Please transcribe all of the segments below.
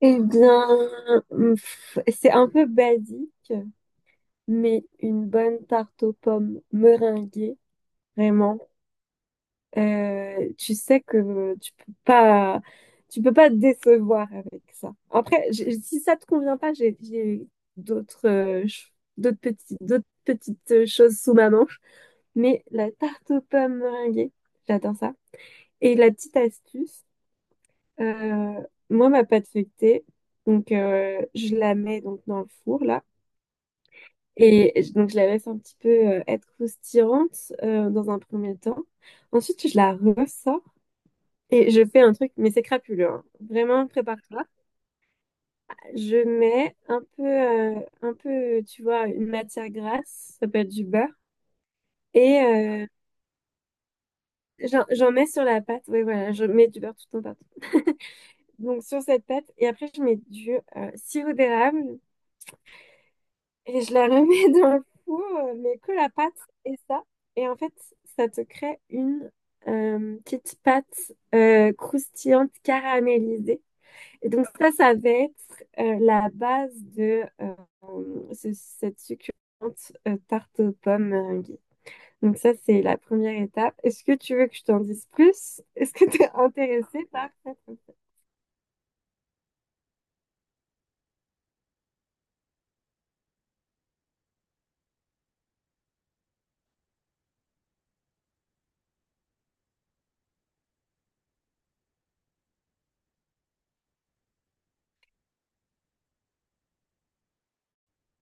Eh bien, c'est un peu basique, mais une bonne tarte aux pommes meringuée, vraiment. Tu sais que tu peux pas te décevoir avec ça. Après, si ça te convient pas, j'ai d'autres petites choses sous ma manche, mais la tarte aux pommes meringuée, j'adore ça. Et la petite astuce, euh, moi ma pâte feuilletée, donc je la mets donc dans le four là. Et donc, je la laisse un petit peu être croustillante dans un premier temps. Ensuite, je la ressors et je fais un truc, mais c'est crapuleux, hein. Vraiment, prépare-toi. Je mets un peu, tu vois, une matière grasse, ça peut être du beurre. Et j'en mets sur la pâte. Oui, voilà, je mets du beurre tout le temps partout. Donc, sur cette pâte. Et après, je mets du sirop d'érable. Et je la remets dans le four, mais que la pâte et ça. Et en fait, ça te crée une petite pâte croustillante caramélisée. Et donc ça va être la base de cette succulente tarte aux pommes meringuée. Donc ça, c'est la première étape. Est-ce que tu veux que je t'en dise plus? Est-ce que tu es intéressée par ça?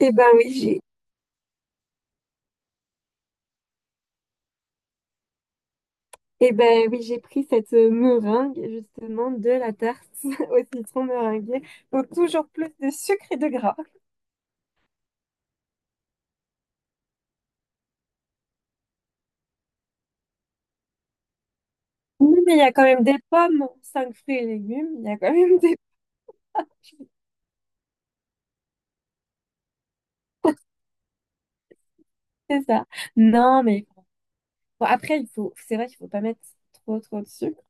Eh ben oui. Eh ben oui, j'ai pris cette meringue justement de la tarte au citron meringuée. Donc toujours plus de sucre et de gras. Non, mais il y a quand même des pommes, cinq fruits et légumes. Il y a quand même. C'est ça. Non, mais bon, après, c'est vrai qu'il faut pas mettre trop trop de sucre.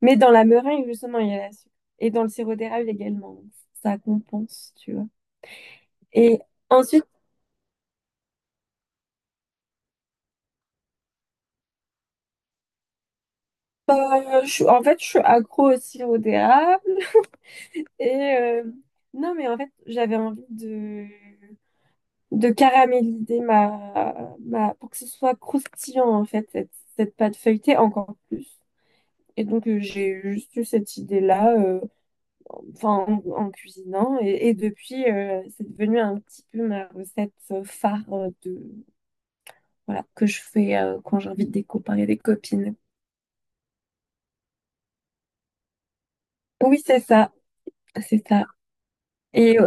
Mais dans la meringue, justement, il y a la sucre. Et dans le sirop d'érable également. Donc, ça compense, tu vois. Et ensuite, en fait, je suis accro au sirop d'érable. Et euh, non, mais en fait, j'avais envie de caraméliser pour que ce soit croustillant, en fait, cette pâte feuilletée encore plus. Et donc, j'ai juste eu cette idée-là, enfin, en cuisinant. Et depuis, c'est devenu un petit peu ma recette phare de, voilà, que je fais quand j'invite des copains et des copines. Oui, c'est ça, c'est ça. Et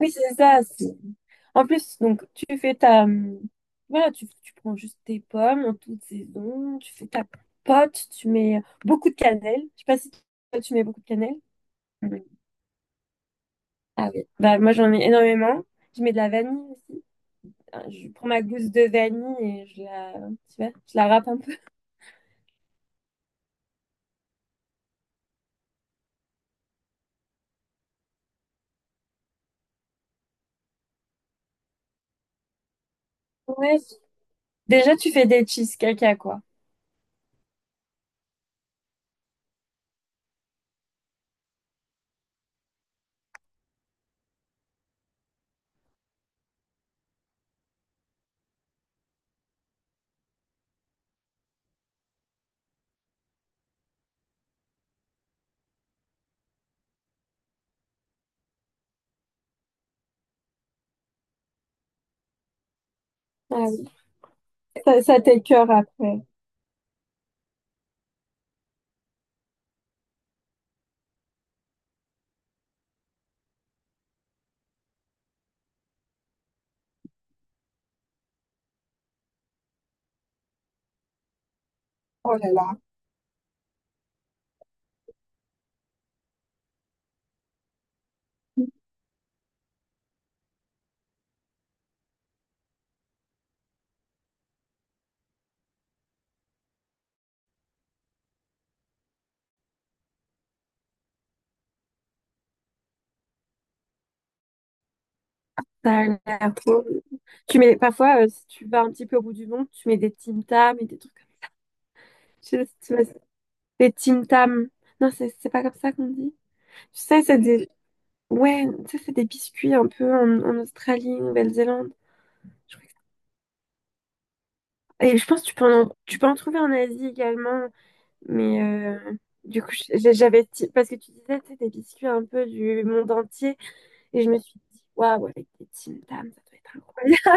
Oui, c'est ça. En plus, donc, tu fais voilà, tu prends juste tes pommes en toute saison, tu fais ta pote, tu mets beaucoup de cannelle. Je sais pas si toi, tu mets beaucoup de cannelle. Oui. Ah oui. Bah, moi, j'en mets énormément. Je mets de la vanille aussi. Ah, je prends ma gousse de vanille et tu vois, je la râpe un peu. Ouais. Déjà, tu fais des cheesecakes à quoi? Ah oui. Ça t'écœure après. Oh là là. Ça a l'air trop- Tu mets parfois, si tu vas un petit peu au bout du monde, tu mets des Tim Tam et des trucs comme ça. Je sais- pas si tu vois, des Tim Tam. Non, c'est pas comme ça qu'on dit. Tu sais, c'est des. Ouais, tu sais, c'est des biscuits un peu en Australie, Nouvelle-Zélande. Je crois que- c'est- Et je pense que tu peux en trouver en Asie également. Mais du coup, parce que tu disais, tu sais, des biscuits un peu du monde entier. Et je me suis dit, waouh, avec des Tim Tam, ça doit être incroyable.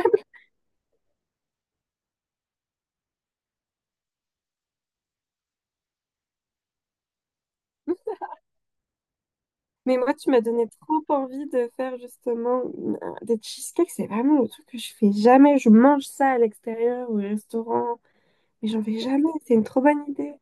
Mais moi, tu m'as donné trop envie de faire justement des cheesecakes. C'est vraiment le truc que je fais jamais. Je mange ça à l'extérieur ou au restaurant, mais j'en fais jamais. C'est une trop bonne idée.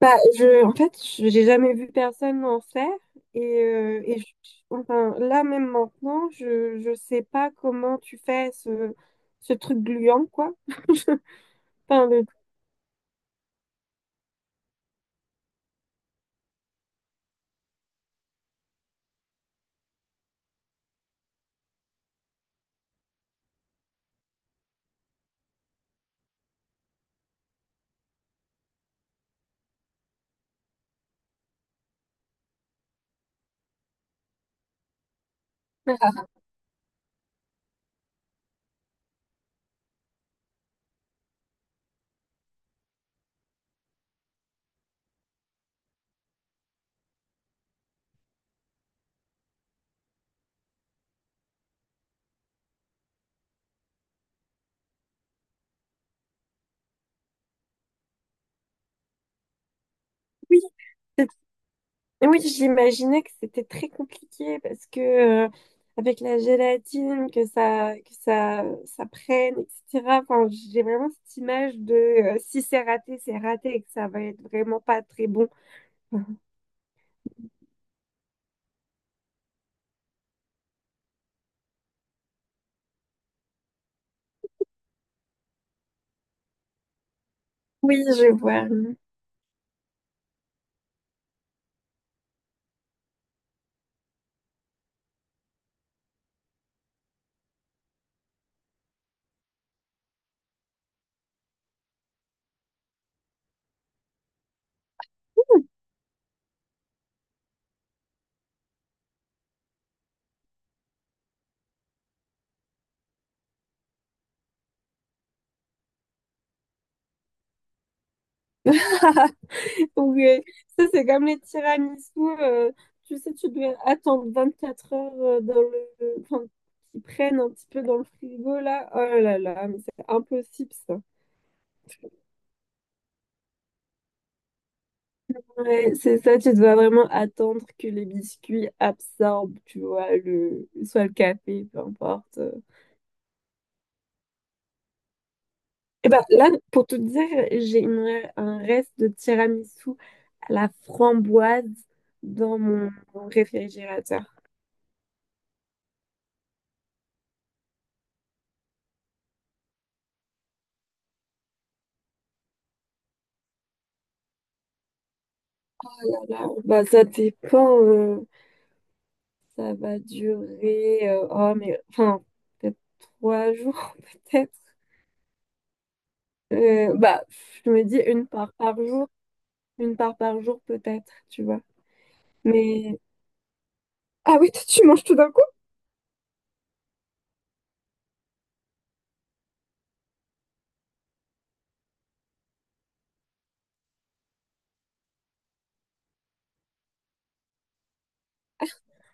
Bah, en fait, j'ai jamais vu personne en faire. Et enfin, là, même maintenant, je sais pas comment tu fais ce truc gluant, quoi. Enfin, le, oui. Oui, j'imaginais que c'était très compliqué parce que avec la gélatine, que ça prenne, etc. Enfin, j'ai vraiment cette image de si c'est raté, c'est raté et que ça va être vraiment pas très bon. Oui, je vois. Oui, ça c'est comme les tiramisu. euh, Tu sais, tu dois attendre 24 heures enfin, qu'ils prennent un petit peu dans le frigo là. Oh là là, mais c'est impossible ça. Ouais, c'est ça, tu dois vraiment attendre que les biscuits absorbent, tu vois, soit le café, peu importe. Et ben là, pour tout dire, j'ai un reste de tiramisu à la framboise dans mon réfrigérateur. Là, bah, ça dépend, ça va durer, oh, mais, enfin, peut-être 3 jours, peut-être. Bah, je me dis une part par jour, une part par jour, peut-être, tu vois. Mais Ah oui, toi, tu manges tout d'un coup?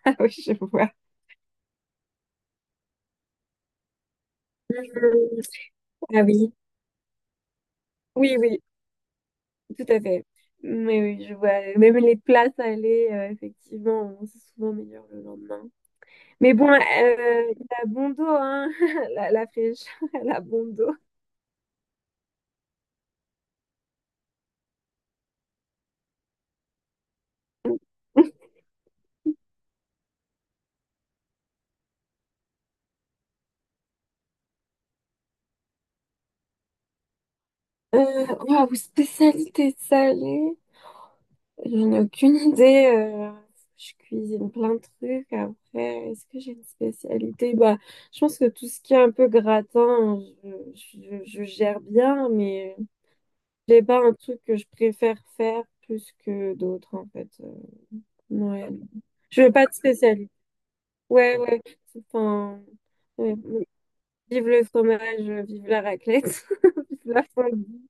Ah oui, je vois. Mhm. Ah oui. Oui, oui, tout à fait. Mais oui, je vois. Même les plats salés, effectivement, c'est souvent meilleur le lendemain. Mais bon, il a bon dos, hein. La fraîcheur, elle a bon dos. Euh, Waouh, spécialité salée. J'en ai aucune idée. Je cuisine plein de trucs. Après, est-ce que j'ai une spécialité? Bah, je pense que tout ce qui est un peu gratin, je gère bien, mais j'ai pas un truc que je préfère faire plus que d'autres, en fait. Ouais. Je veux pas de spécialité. Ouais, ouais, enfin, ouais, ouais. Vive le fromage, vive la raclette, vive la fondue.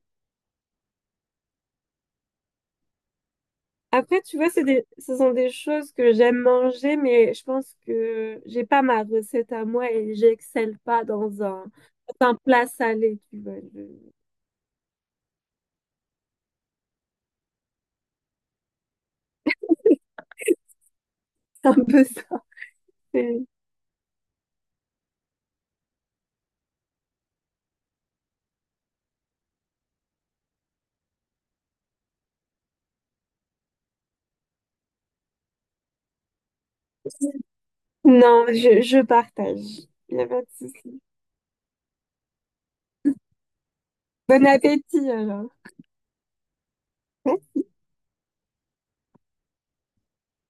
Après, tu vois, ce sont des choses que j'aime manger, mais je pense que j'ai pas ma recette à moi et j'excelle pas dans un plat salé, tu vois. C'est un peu ça. C'est- Non, je partage. Il n'y a pas de souci. Bon appétit, alors.